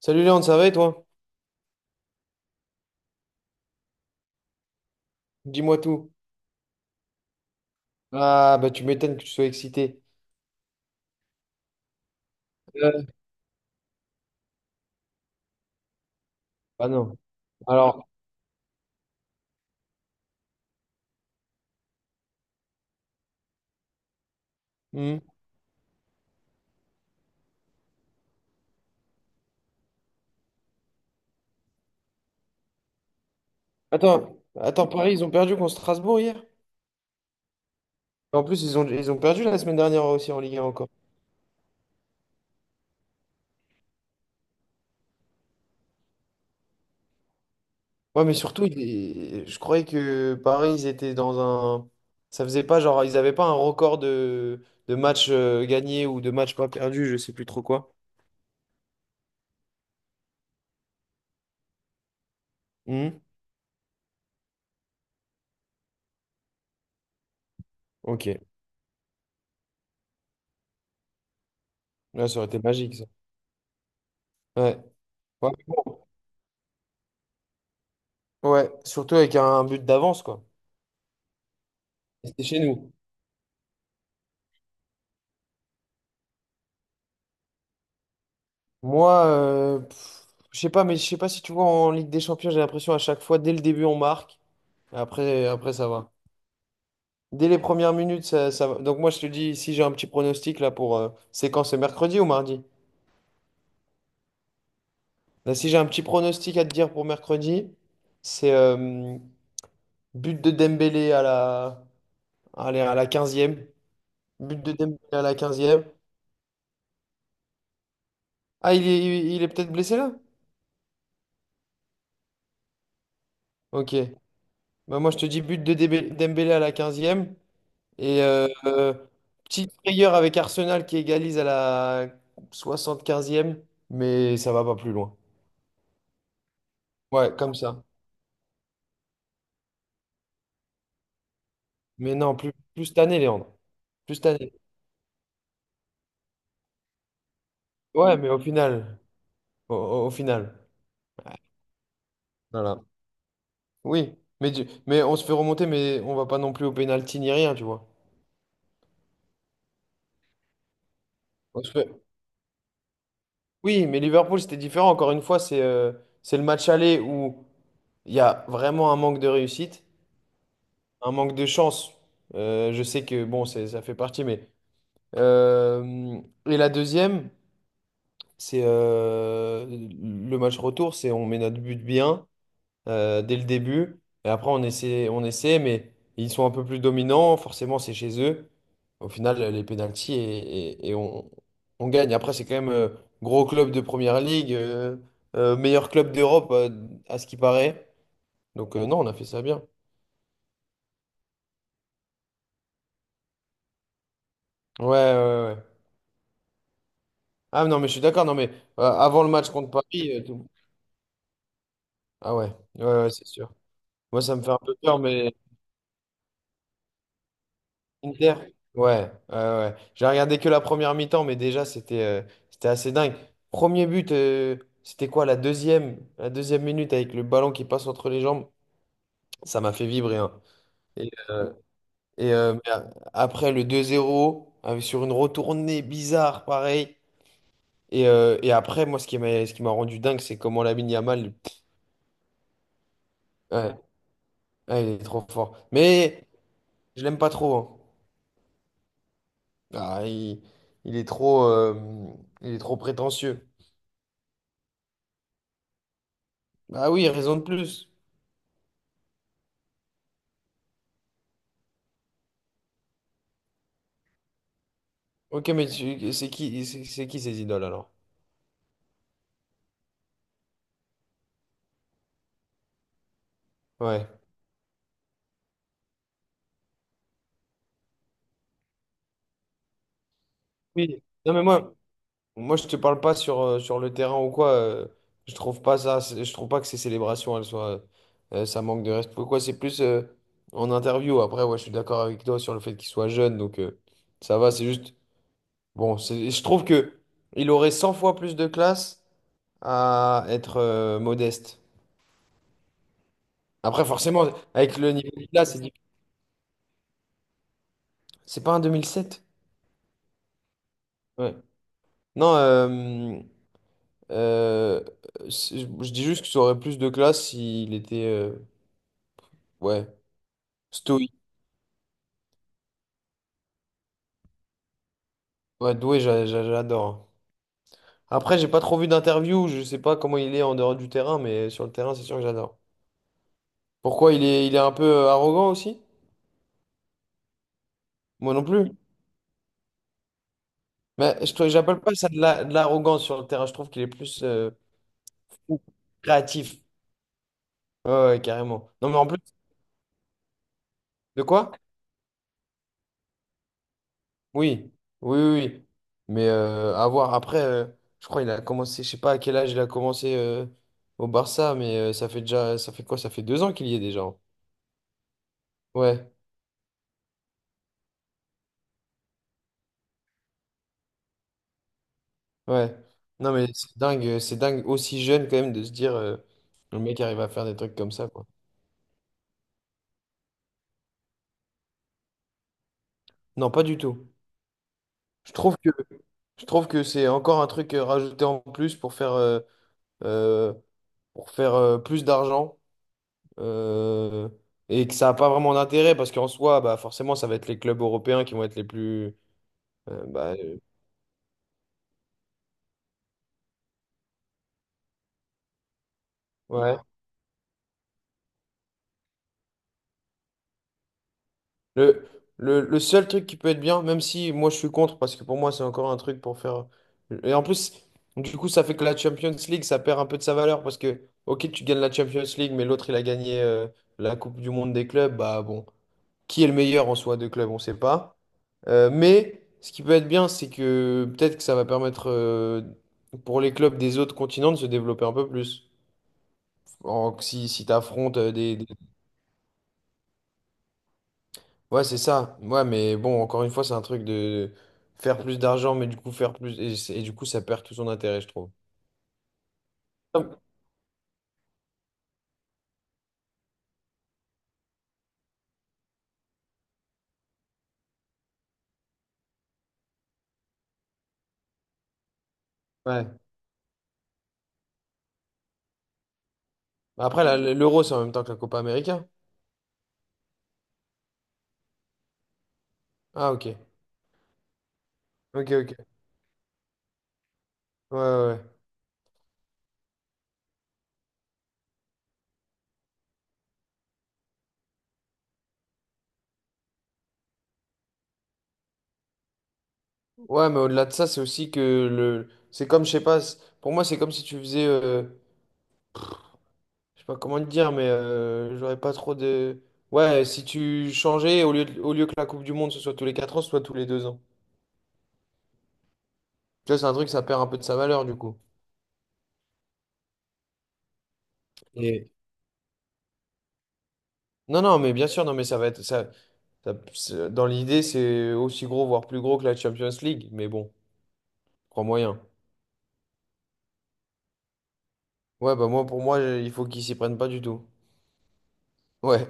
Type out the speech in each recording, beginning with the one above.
Salut Léon, ça va et toi? Dis-moi tout. Ah, bah tu m'étonnes que tu sois excité. Euh, Ah non. Alors, hmm. Attends, attends, Paris, ils ont perdu contre Strasbourg hier? En plus, ils ont perdu la semaine dernière aussi en Ligue 1 encore. Ouais, mais surtout, je croyais que Paris, ils étaient dans un... Ça faisait pas genre, ils avaient pas un record de matchs gagnés ou de matchs pas perdus, je sais plus trop quoi. Hmm. Ok. Là, ça aurait été magique, ça. Ouais. Ouais, ouais, surtout avec un but d'avance, quoi. C'était chez nous. Moi, je sais pas, mais je sais pas si tu vois en Ligue des Champions, j'ai l'impression à chaque fois, dès le début, on marque. Après, ça va. Dès les premières minutes, ça va. Donc moi, je te dis, si j'ai un petit pronostic là pour... c'est quand? C'est mercredi ou mardi? Là, si j'ai un petit pronostic à te dire pour mercredi, c'est but de Dembélé à la, allez, à la 15e. But de Dembélé à la 15e. Ah, il est peut-être blessé là? Ok. Bah, moi, je te dis but de Dembélé à la 15e. Et petite frayeur avec Arsenal qui égalise à la 75e, mais ça va pas plus loin. Ouais, comme ça. Mais non, plus, plus cette année, Léandre. Plus cette année. Ouais, mais au final. Au final. Voilà. Oui. Mais on se fait remonter, mais on va pas non plus au pénalty ni rien, tu vois. On se fait- Oui, mais Liverpool, c'était différent. Encore une fois, c'est le match aller où il y a vraiment un manque de réussite, un manque de chance. Je sais que bon, ça fait partie, mais. Euh, et la deuxième, c'est le match retour, c'est on met notre but bien dès le début. Et après, on essaie, mais ils sont un peu plus dominants. Forcément, c'est chez eux. Au final, les pénalties et on gagne. Après, c'est quand même gros club de première ligue, meilleur club d'Europe à ce qui paraît. Donc, non, on a fait ça bien. Ouais, ouais, ouais, ouais. Ah non, mais je suis d'accord. Non, mais avant le match contre Paris, ah ouais, ouais, ouais, c'est sûr. Moi, ça me fait un peu peur, mais Inter, ouais, ouais, ouais. J'ai regardé que la première mi-temps, mais déjà, c'était assez dingue. Premier but, c'était quoi, la deuxième minute avec le ballon qui passe entre les jambes, ça m'a fait vibrer, hein. Et, euh, après, le 2-0, sur une retournée bizarre, pareil. Et après, moi, ce qui m'a rendu dingue, c'est comment Lamine Yamal, ouais, ouais, il est trop fort. Mais je l'aime pas trop, hein. Ah, il est trop, il est trop prétentieux. Ah oui, raison de plus. Ok, mais c'est qui ces idoles alors? Ouais. Oui. Non mais moi je te parle pas sur le terrain ou quoi. Je trouve pas ça, je trouve pas que ces célébrations, elles soient, ça manque de respect. Pourquoi c'est plus en interview. Après, ouais, je suis d'accord avec toi sur le fait qu'il soit jeune, donc ça va. C'est juste, bon, je trouve que il aurait 100 fois plus de classe à être modeste. Après, forcément, avec le niveau de là, c'est difficile. C'est pas un 2007? Ouais. Non, euh, je dis juste que ça aurait plus de classe s'il était, ouais, stoïque. Ouais, doué, j'adore. Après, j'ai pas trop vu d'interview, je sais pas comment il est en dehors du terrain, mais sur le terrain, c'est sûr que j'adore. Pourquoi il est un peu arrogant aussi? Moi non plus. Mais j'appelle pas ça de de l'arrogance sur le terrain, je trouve qu'il est plus créatif. Ouais, ouais, carrément. Non, mais en plus, de quoi? Oui, oui, oui, oui. Mais à voir. Après, je crois qu'il a commencé, je sais pas à quel âge il a commencé au Barça, mais ça fait déjà, ça fait quoi? Ça fait 2 ans qu'il y est déjà, hein. Ouais, ouais. Non, mais c'est dingue aussi jeune quand même de se dire le mec arrive à faire des trucs comme ça, quoi. Non, pas du tout. Je trouve que, je trouve que c'est encore un truc rajouté en plus pour euh, faire plus d'argent. euh, et que ça n'a pas vraiment d'intérêt parce qu'en soi, bah, forcément, ça va être les clubs européens qui vont être les plus. Bah, ouais. Le, le seul truc qui peut être bien, même si moi je suis contre parce que pour moi, c'est encore un truc pour faire. Et en plus, du coup, ça fait que la Champions League, ça perd un peu de sa valeur parce que, ok, tu gagnes la Champions League, mais l'autre, il a gagné la Coupe du Monde des clubs, bah bon. Qui est le meilleur en soi de club, on ne sait pas. Mais ce qui peut être bien, c'est que peut-être que ça va permettre pour les clubs des autres continents de se développer un peu plus. Si tu affrontes des Ouais, c'est ça. Ouais, mais bon, encore une fois, c'est un truc de faire plus d'argent, mais du coup, faire plus. Et, et du coup, ça perd tout son intérêt, je trouve. Ouais. Après, l'Euro, c'est en même temps que la Copa América. Ah, ok. Ok, ok. Ouais, ouais. Ouais, ouais, mais au-delà de ça, c'est aussi que le. C'est comme, je sais pas, pour moi, c'est comme si tu faisais. Je sais pas comment te dire, mais j'aurais pas trop de. Ouais, si tu changeais, au lieu au lieu que la Coupe du Monde ce soit tous les 4 ans, ce soit tous les 2 ans. Tu vois, c'est un truc, ça perd un peu de sa valeur du coup. Et... Non, non, mais bien sûr, non, mais ça va être. Ça, dans l'idée, c'est aussi gros, voire plus gros que la Champions League. Mais bon, crois moyen. Ouais, bah moi, pour moi, il faut qu'ils s'y prennent pas du tout. Ouais.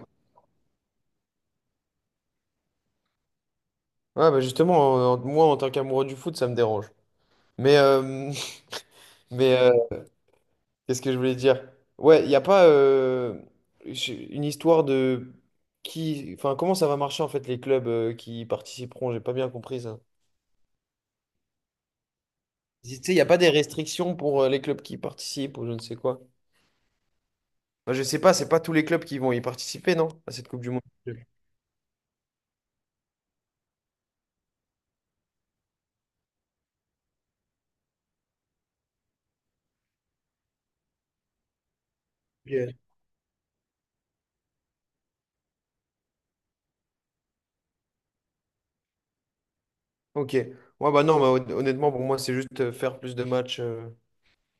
Ouais, bah justement, moi, en tant qu'amoureux du foot, ça me dérange. Mais, mais, qu'est-ce que je voulais dire? Ouais, il n'y a pas une histoire de qui, enfin, comment ça va marcher en fait les clubs qui participeront? J'ai pas bien compris ça. Tu sais, il n'y a pas des restrictions pour les clubs qui participent ou je ne sais quoi. Enfin, je sais pas, c'est pas tous les clubs qui vont y participer, non? À cette Coupe du Monde. Ok. Ok. Ouais, bah non, bah, honnêtement, pour moi, c'est juste faire plus de matchs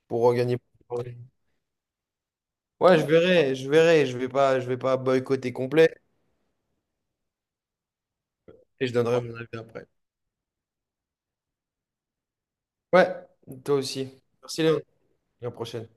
pour gagner. Ouais, je verrai, je vais pas boycotter complet et je donnerai mon avis après. Ouais, toi aussi. Merci Léon. À la prochaine.